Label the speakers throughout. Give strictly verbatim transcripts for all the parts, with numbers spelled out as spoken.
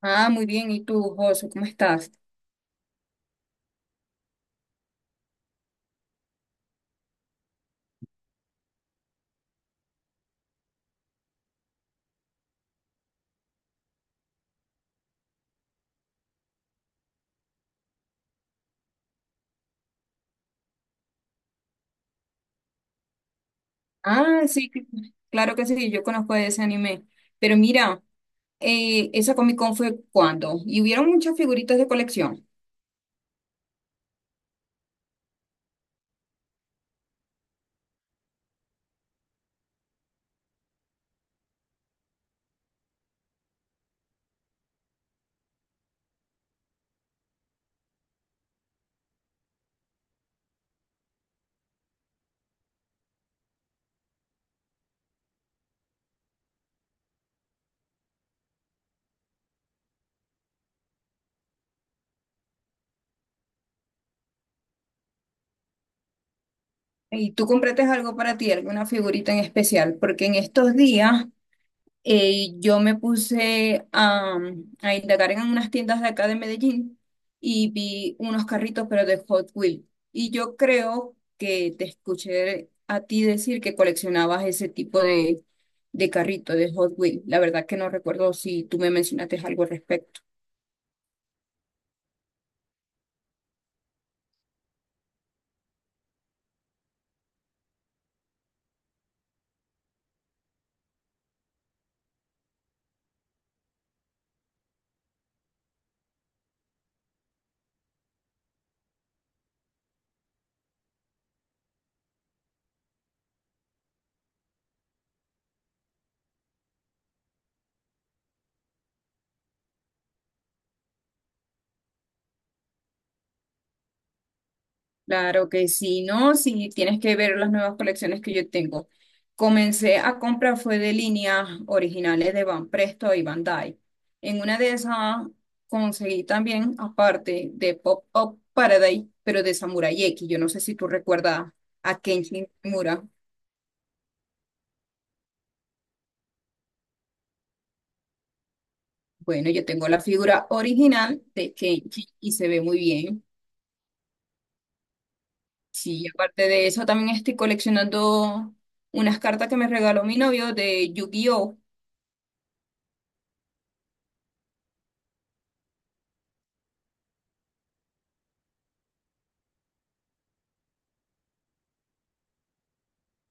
Speaker 1: Ah, muy bien. ¿Y tú, Josu, cómo estás? Ah, sí, que- claro que sí, yo conozco de ese anime. Pero mira, eh, esa Comic Con fue cuando y hubieron muchas figuritas de colección. ¿Y tú compraste algo para ti, alguna figurita en especial? Porque en estos días eh, yo me puse a, a indagar en unas tiendas de acá de Medellín y vi unos carritos, pero de Hot Wheels. Y yo creo que te escuché a ti decir que coleccionabas ese tipo de, de carrito de Hot Wheels. La verdad que no recuerdo si tú me mencionaste algo al respecto. Claro que sí, ¿no? Sí, tienes que ver las nuevas colecciones que yo tengo. Comencé a comprar fue de líneas originales de Van Presto y Bandai. En una de esas conseguí también, aparte de Pop Up Paradise, pero de Samurai X. Yo no sé si tú recuerdas a Kenshin Mura. Bueno, yo tengo la figura original de Kenshin y se ve muy bien. Sí, aparte de eso, también estoy coleccionando unas cartas que me regaló mi novio de Yu-Gi-Oh!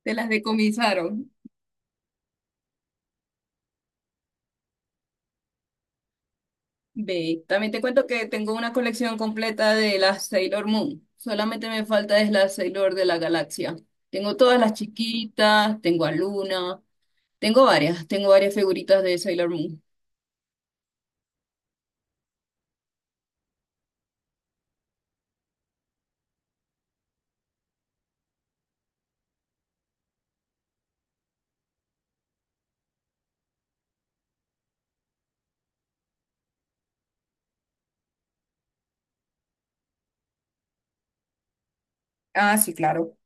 Speaker 1: Te las decomisaron. Ve, también te cuento que tengo una colección completa de las Sailor Moon. Solamente me falta es la Sailor de la Galaxia. Tengo todas las chiquitas, tengo a Luna, tengo varias, tengo varias figuritas de Sailor Moon. Ah, sí, claro.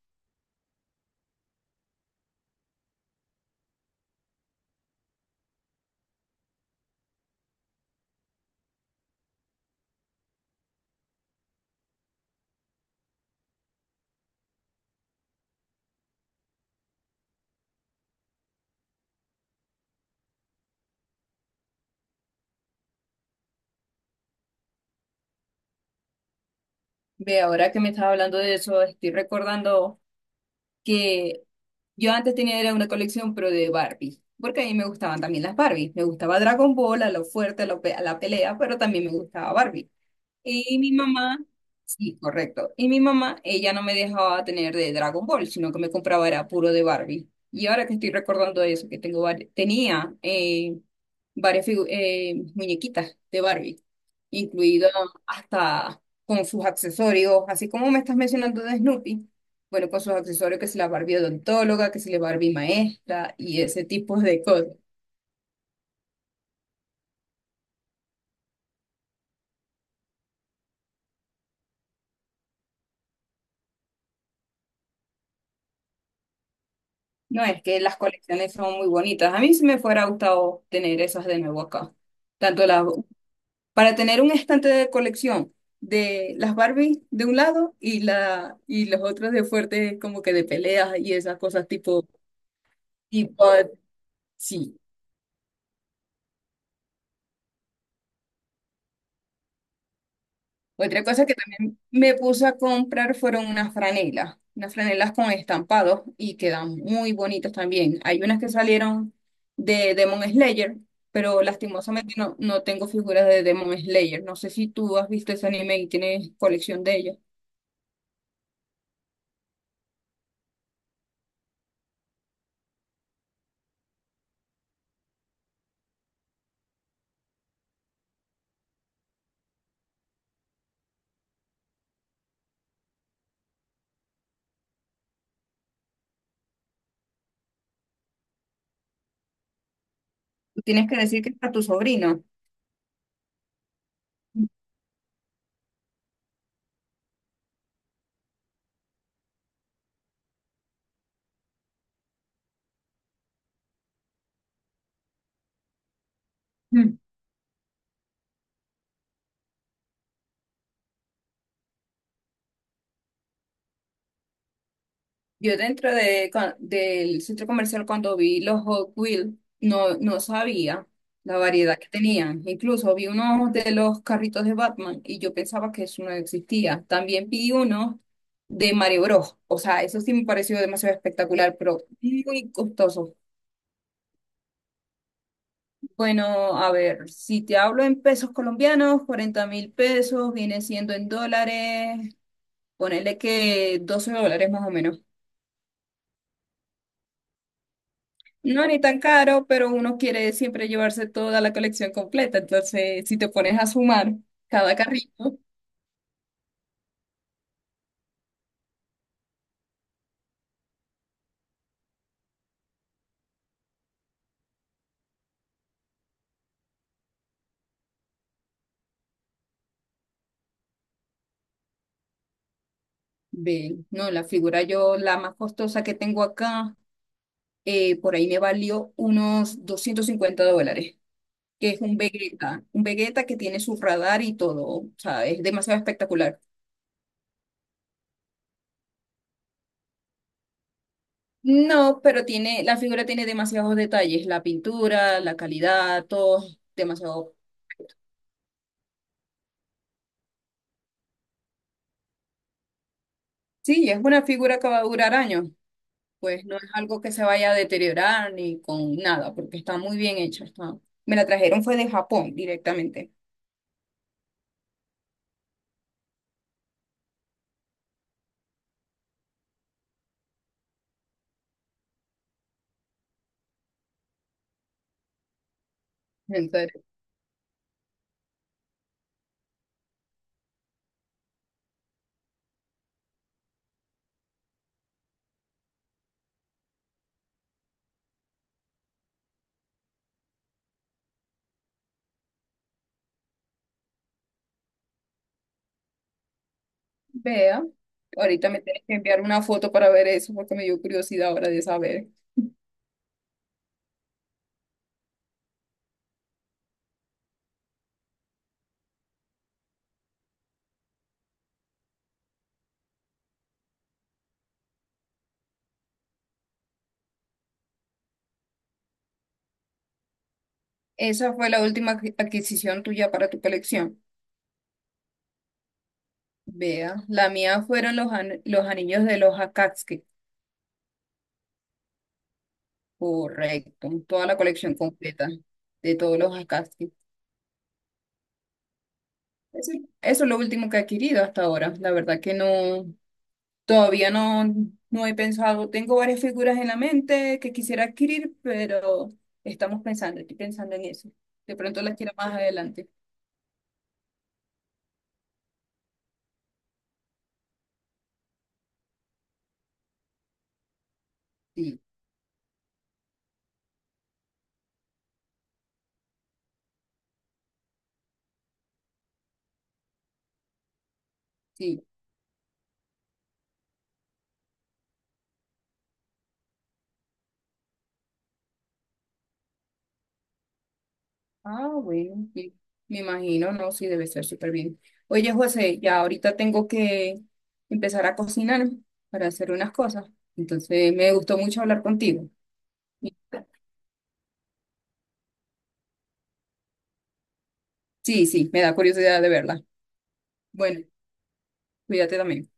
Speaker 1: Ve, ahora que me estás hablando de eso, estoy recordando que yo antes tenía era una colección, pero de Barbie, porque a mí me gustaban también las Barbie. Me gustaba Dragon Ball, a lo fuerte, a lo pe- a la pelea, pero también me gustaba Barbie. Y mi mamá, sí, correcto. Y mi mamá, ella no me dejaba tener de Dragon Ball, sino que me compraba era puro de Barbie. Y ahora que estoy recordando eso, que tengo vari- tenía eh, varias figu- eh, muñequitas de Barbie, incluido hasta con sus accesorios, así como me estás mencionando de Snoopy, bueno, con sus accesorios, que si la Barbie odontóloga, que si la Barbie maestra y ese tipo de cosas. No, es que las colecciones son muy bonitas. A mí sí me fuera gustado tener esas de nuevo acá. Tanto las para tener un estante de colección de las Barbie de un lado y la y los otros de fuertes como que de peleas y esas cosas tipo tipo sí. Otra cosa que también me puse a comprar fueron unas franelas, unas franelas con estampados y quedan muy bonitas también. Hay unas que salieron de Demon Slayer, pero lastimosamente no, no tengo figuras de Demon Slayer. No sé si tú has visto ese anime y tienes colección de ellas. Tienes que decir que es para tu sobrino. Ujú. Yo dentro de, con- del centro comercial cuando vi los Hot Wheels, no, no sabía la variedad que tenían. Incluso vi unos de los carritos de Batman y yo pensaba que eso no existía. También vi unos de Mario Bros. O sea, eso sí me pareció demasiado espectacular, pero muy costoso. Bueno, a ver, si te hablo en pesos colombianos, cuarenta mil pesos, viene siendo en dólares, ponele que doce dólares más o menos. No, ni tan caro, pero uno quiere siempre llevarse toda la colección completa. Entonces, si te pones a sumar cada carrito, ve, no, la figura yo, la más costosa que tengo acá, eh, por ahí me valió unos doscientos cincuenta dólares, que es un Vegeta, un Vegeta que tiene su radar y todo, o sea, es demasiado espectacular. No, pero tiene, la figura tiene demasiados detalles, la pintura, la calidad, todo, demasiado. Sí, es una figura que va a durar años. Pues no es algo que se vaya a deteriorar ni con nada, porque está muy bien hecha. Está... Me la trajeron fue de Japón directamente. Entonces, vea, ahorita me tienes que enviar una foto para ver eso, porque me dio curiosidad ahora de saber. Esa fue la última adqui- adquisición tuya para tu colección. Vea, la mía fueron los, an- los anillos de los Akatsuki. Correcto, toda la colección completa de todos los Akatsuki. Eso, eso es lo último que he adquirido hasta ahora. La verdad que no. Todavía no, no he pensado, tengo varias figuras en la mente que quisiera adquirir, pero estamos pensando, estoy pensando en eso. De pronto las quiero más adelante. Sí, sí. Ah, bueno, sí. Me imagino, no, sí, debe ser súper bien. Oye, José, ya ahorita tengo que empezar a cocinar para hacer unas cosas. Entonces, me gustó mucho hablar contigo. Y- Sí, sí, me da curiosidad de verla. Bueno, cuídate también.